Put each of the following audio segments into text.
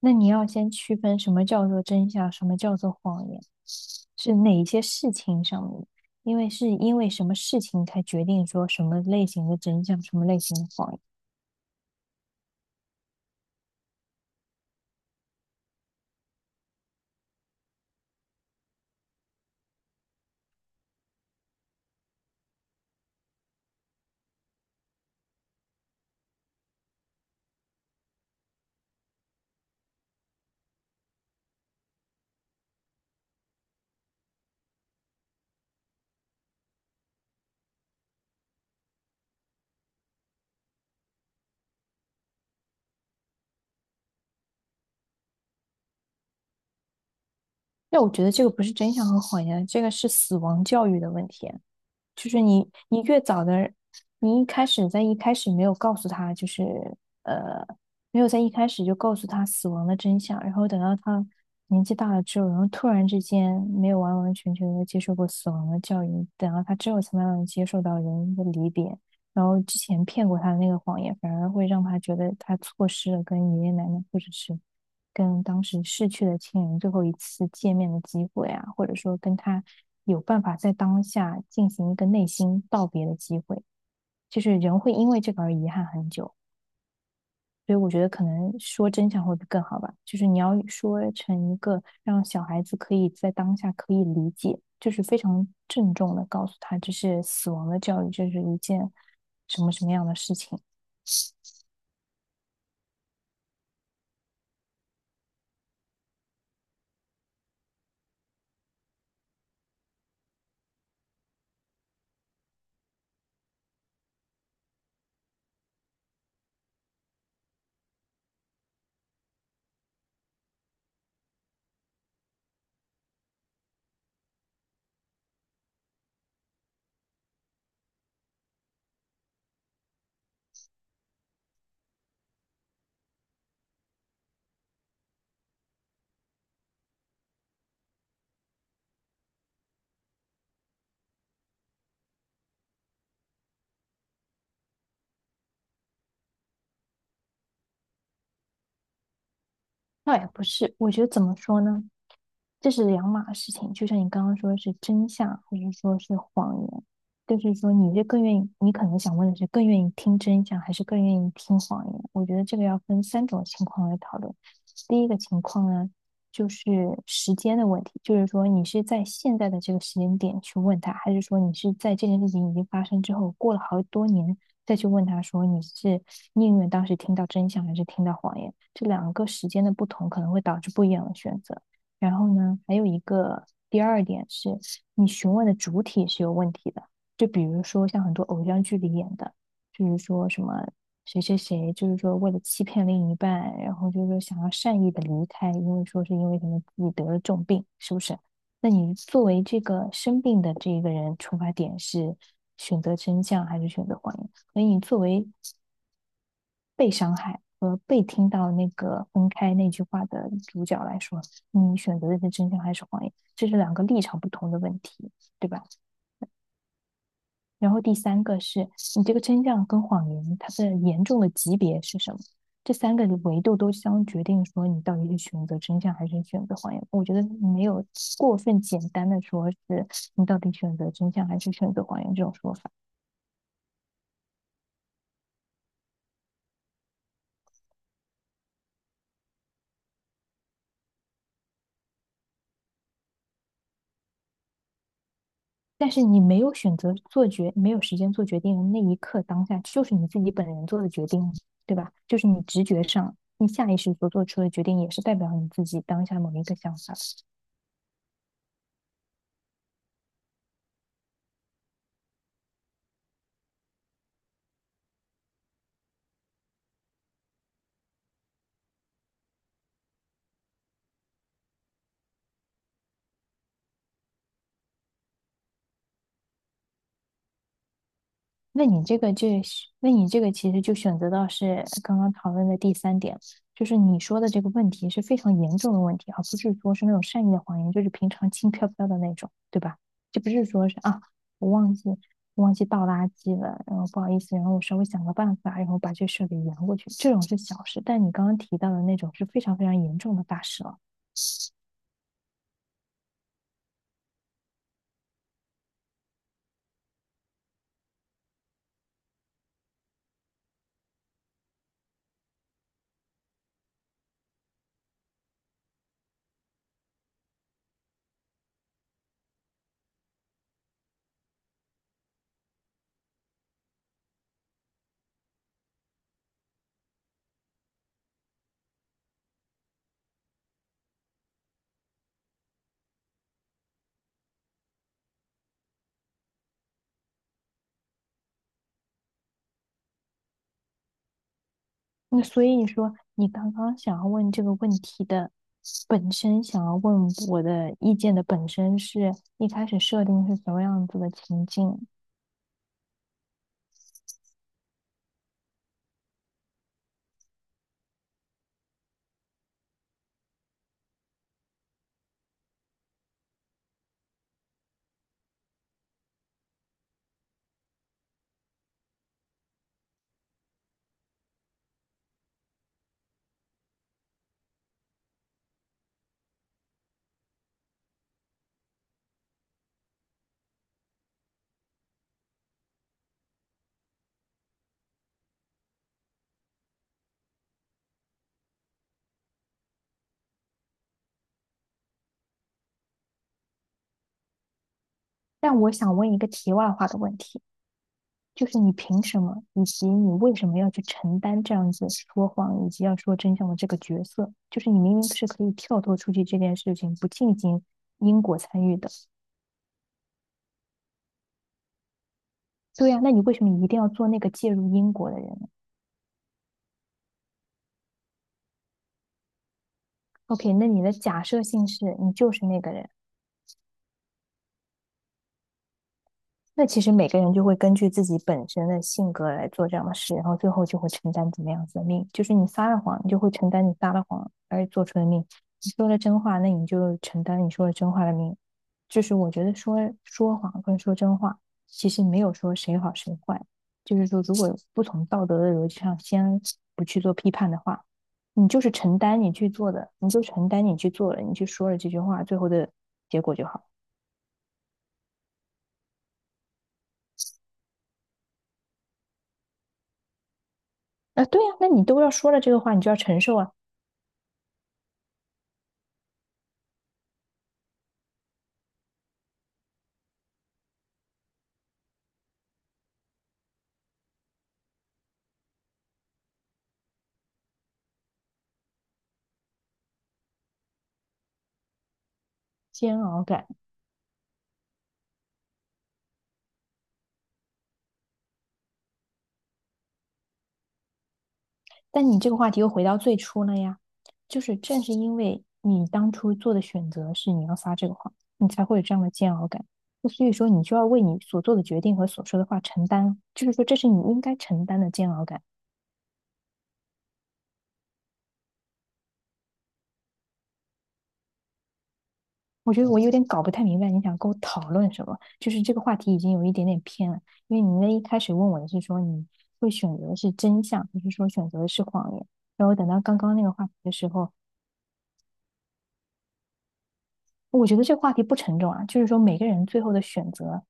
那你要先区分什么叫做真相，什么叫做谎言，是哪一些事情上面，因为是因为什么事情才决定说什么类型的真相，什么类型的谎言。那我觉得这个不是真相和谎言，这个是死亡教育的问题。就是你越早的，你一开始在一开始没有告诉他，就是呃，没有在一开始就告诉他死亡的真相，然后等到他年纪大了之后，然后突然之间没有完完全全的接受过死亡的教育，等到他之后才慢慢地接受到人的离别，然后之前骗过他的那个谎言，反而会让他觉得他错失了跟爷爷奶奶或者是跟当时逝去的亲人最后一次见面的机会啊，或者说跟他有办法在当下进行一个内心道别的机会，就是人会因为这个而遗憾很久。所以我觉得可能说真相会更好吧，就是你要说成一个让小孩子可以在当下可以理解，就是非常郑重的告诉他，这是死亡的教育，这是一件什么什么样的事情。倒也不是，我觉得怎么说呢？这是两码事情。就像你刚刚说是真相，或者说是谎言，就是说你是更愿意，你可能想问的是更愿意听真相，还是更愿意听谎言？我觉得这个要分三种情况来讨论。第一个情况呢，就是时间的问题，就是说你是在现在的这个时间点去问他，还是说你是在这件事情已经发生之后，过了好多年再去问他说你是宁愿当时听到真相，还是听到谎言？这两个时间的不同可能会导致不一样的选择。然后呢，还有一个第二点是，你询问的主体是有问题的。就比如说像很多偶像剧里演的，就是说什么谁谁谁，就是说为了欺骗另一半，然后就是说想要善意的离开，因为说是因为可能自己得了重病，是不是？那你作为这个生病的这一个人，出发点是选择真相还是选择谎言？所以你作为被伤害和被听到那个分开那句话的主角来说，你选择的是真相还是谎言？这是两个立场不同的问题，对吧？然后第三个是你这个真相跟谎言它的严重的级别是什么？这三个维度都将决定说你到底是选择真相还是选择谎言。我觉得没有过分简单的说是你到底选择真相还是选择谎言这种说法。但是你没有选择做决，没有时间做决定的那一刻当下，就是你自己本人做的决定，对吧？就是你直觉上，你下意识所做出的决定，也是代表你自己当下某一个想法。那你这个就是，那你这个其实就选择到是刚刚讨论的第三点，就是你说的这个问题是非常严重的问题，而不是说是那种善意的谎言，就是平常轻飘飘的那种，对吧？就不是说是啊，我忘记倒垃圾了，然后不好意思，然后我稍微想个办法，然后把这事给圆过去，这种是小事，但你刚刚提到的那种是非常非常严重的大事了。那所以说，你刚刚想要问这个问题的本身，想要问我的意见的本身是一开始设定是什么样子的情境？但我想问一个题外话的问题，就是你凭什么，以及你为什么要去承担这样子说谎以及要说真相的这个角色？就是你明明是可以跳脱出去这件事情，不进行因果参与的。对呀，那你为什么一定要做那个介入因果的人呢？OK，那你的假设性是你就是那个人。那其实每个人就会根据自己本身的性格来做这样的事，然后最后就会承担怎么样子的命。就是你撒了谎，你就会承担你撒了谎而做出的命；你说了真话，那你就承担你说了真话的命。就是我觉得说说谎跟说真话，其实没有说谁好谁坏。就是说，如果不从道德的逻辑上先不去做批判的话，你就是承担你去做的，你就承担你去做了，你去说了这句话，最后的结果就好。啊，对呀、那你都要说了这个话，你就要承受啊。煎熬感。但你这个话题又回到最初了呀，就是正是因为你当初做的选择是你要撒这个谎，你才会有这样的煎熬感。那所以说，你就要为你所做的决定和所说的话承担，就是说这是你应该承担的煎熬感。我觉得我有点搞不太明白你想跟我讨论什么，就是这个话题已经有一点点偏了，因为你那一开始问我的是说你会选择的是真相，还是说选择的是谎言？然后等到刚刚那个话题的时候，我觉得这个话题不沉重啊，就是说每个人最后的选择，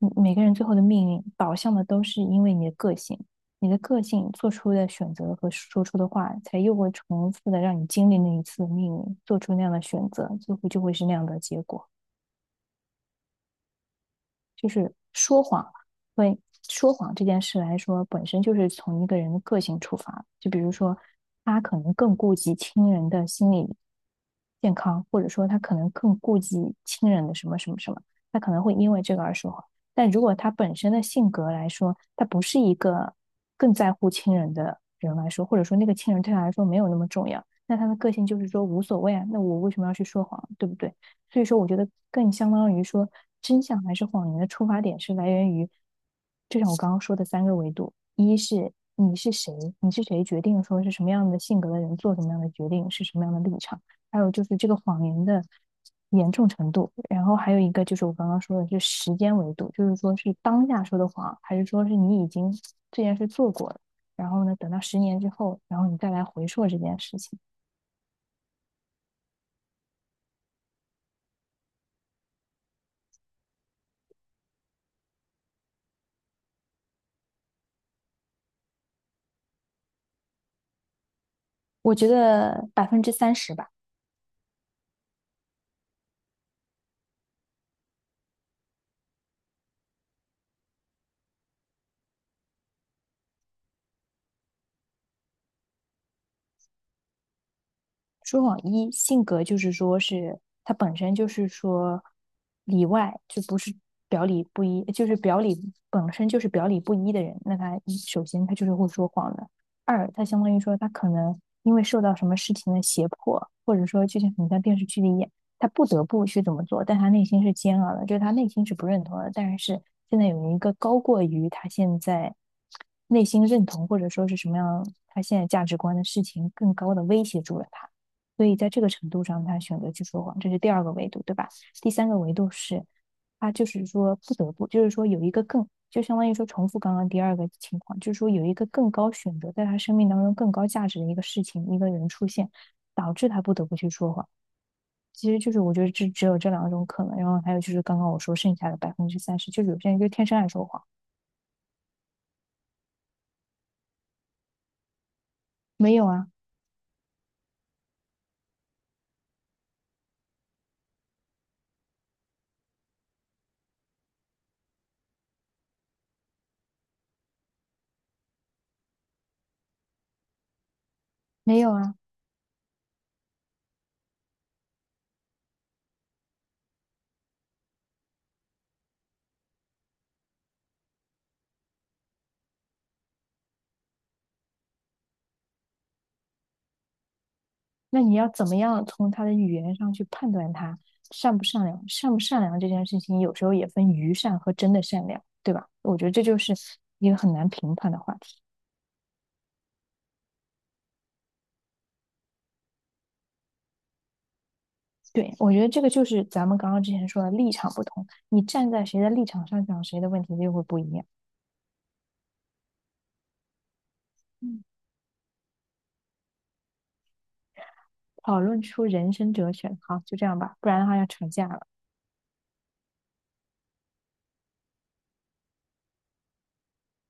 嗯每个人最后的命运导向的都是因为你的个性，你的个性做出的选择和说出的话，才又会重复的让你经历那一次的命运，做出那样的选择，最后就会是那样的结果。就是说谎，会说谎这件事来说，本身就是从一个人的个性出发。就比如说，他可能更顾及亲人的心理健康，或者说他可能更顾及亲人的什么什么什么，他可能会因为这个而说谎。但如果他本身的性格来说，他不是一个更在乎亲人的人来说，或者说那个亲人对他来说没有那么重要，那他的个性就是说无所谓啊，那我为什么要去说谎，对不对？所以说，我觉得更相当于说，真相还是谎言的出发点是来源于，就像我刚刚说的三个维度：一是你是谁，你是谁决定说是什么样的性格的人做什么样的决定，是什么样的立场；还有就是这个谎言的严重程度；然后还有一个就是我刚刚说的是时间维度，就是说是当下说的谎，还是说是你已经这件事做过了，然后呢，等到10年之后，然后你再来回溯这件事情。我觉得百分之三十吧。说谎一性格就是说是他本身就是说里外就不是表里不一，就是表里本身就是表里不一的人，那他一首先他就是会说谎的。二，他相当于说他可能因为受到什么事情的胁迫，或者说就像很在电视剧里演，他不得不去怎么做，但他内心是煎熬的，就是他内心是不认同的，但是现在有一个高过于他现在内心认同或者说是什么样他现在价值观的事情更高的威胁住了他。所以在这个程度上，他选择去说谎，这是第二个维度，对吧？第三个维度是，他就是说不得不，就是说有一个更，就相当于说重复刚刚第二个情况，就是说有一个更高选择，在他生命当中更高价值的一个事情、一个人出现，导致他不得不去说谎。其实就是我觉得这只有这两种可能，然后还有就是刚刚我说剩下的百分之三十，就是有些人就天生爱说谎，没有啊，没有啊。那你要怎么样从他的语言上去判断他善不善良？善不善良这件事情，有时候也分愚善和真的善良，对吧？我觉得这就是一个很难评判的话题。对，我觉得这个就是咱们刚刚之前说的立场不同，你站在谁的立场上讲谁的问题就会不一样。嗯，讨论出人生哲学，好，就这样吧，不然的话要吵架了。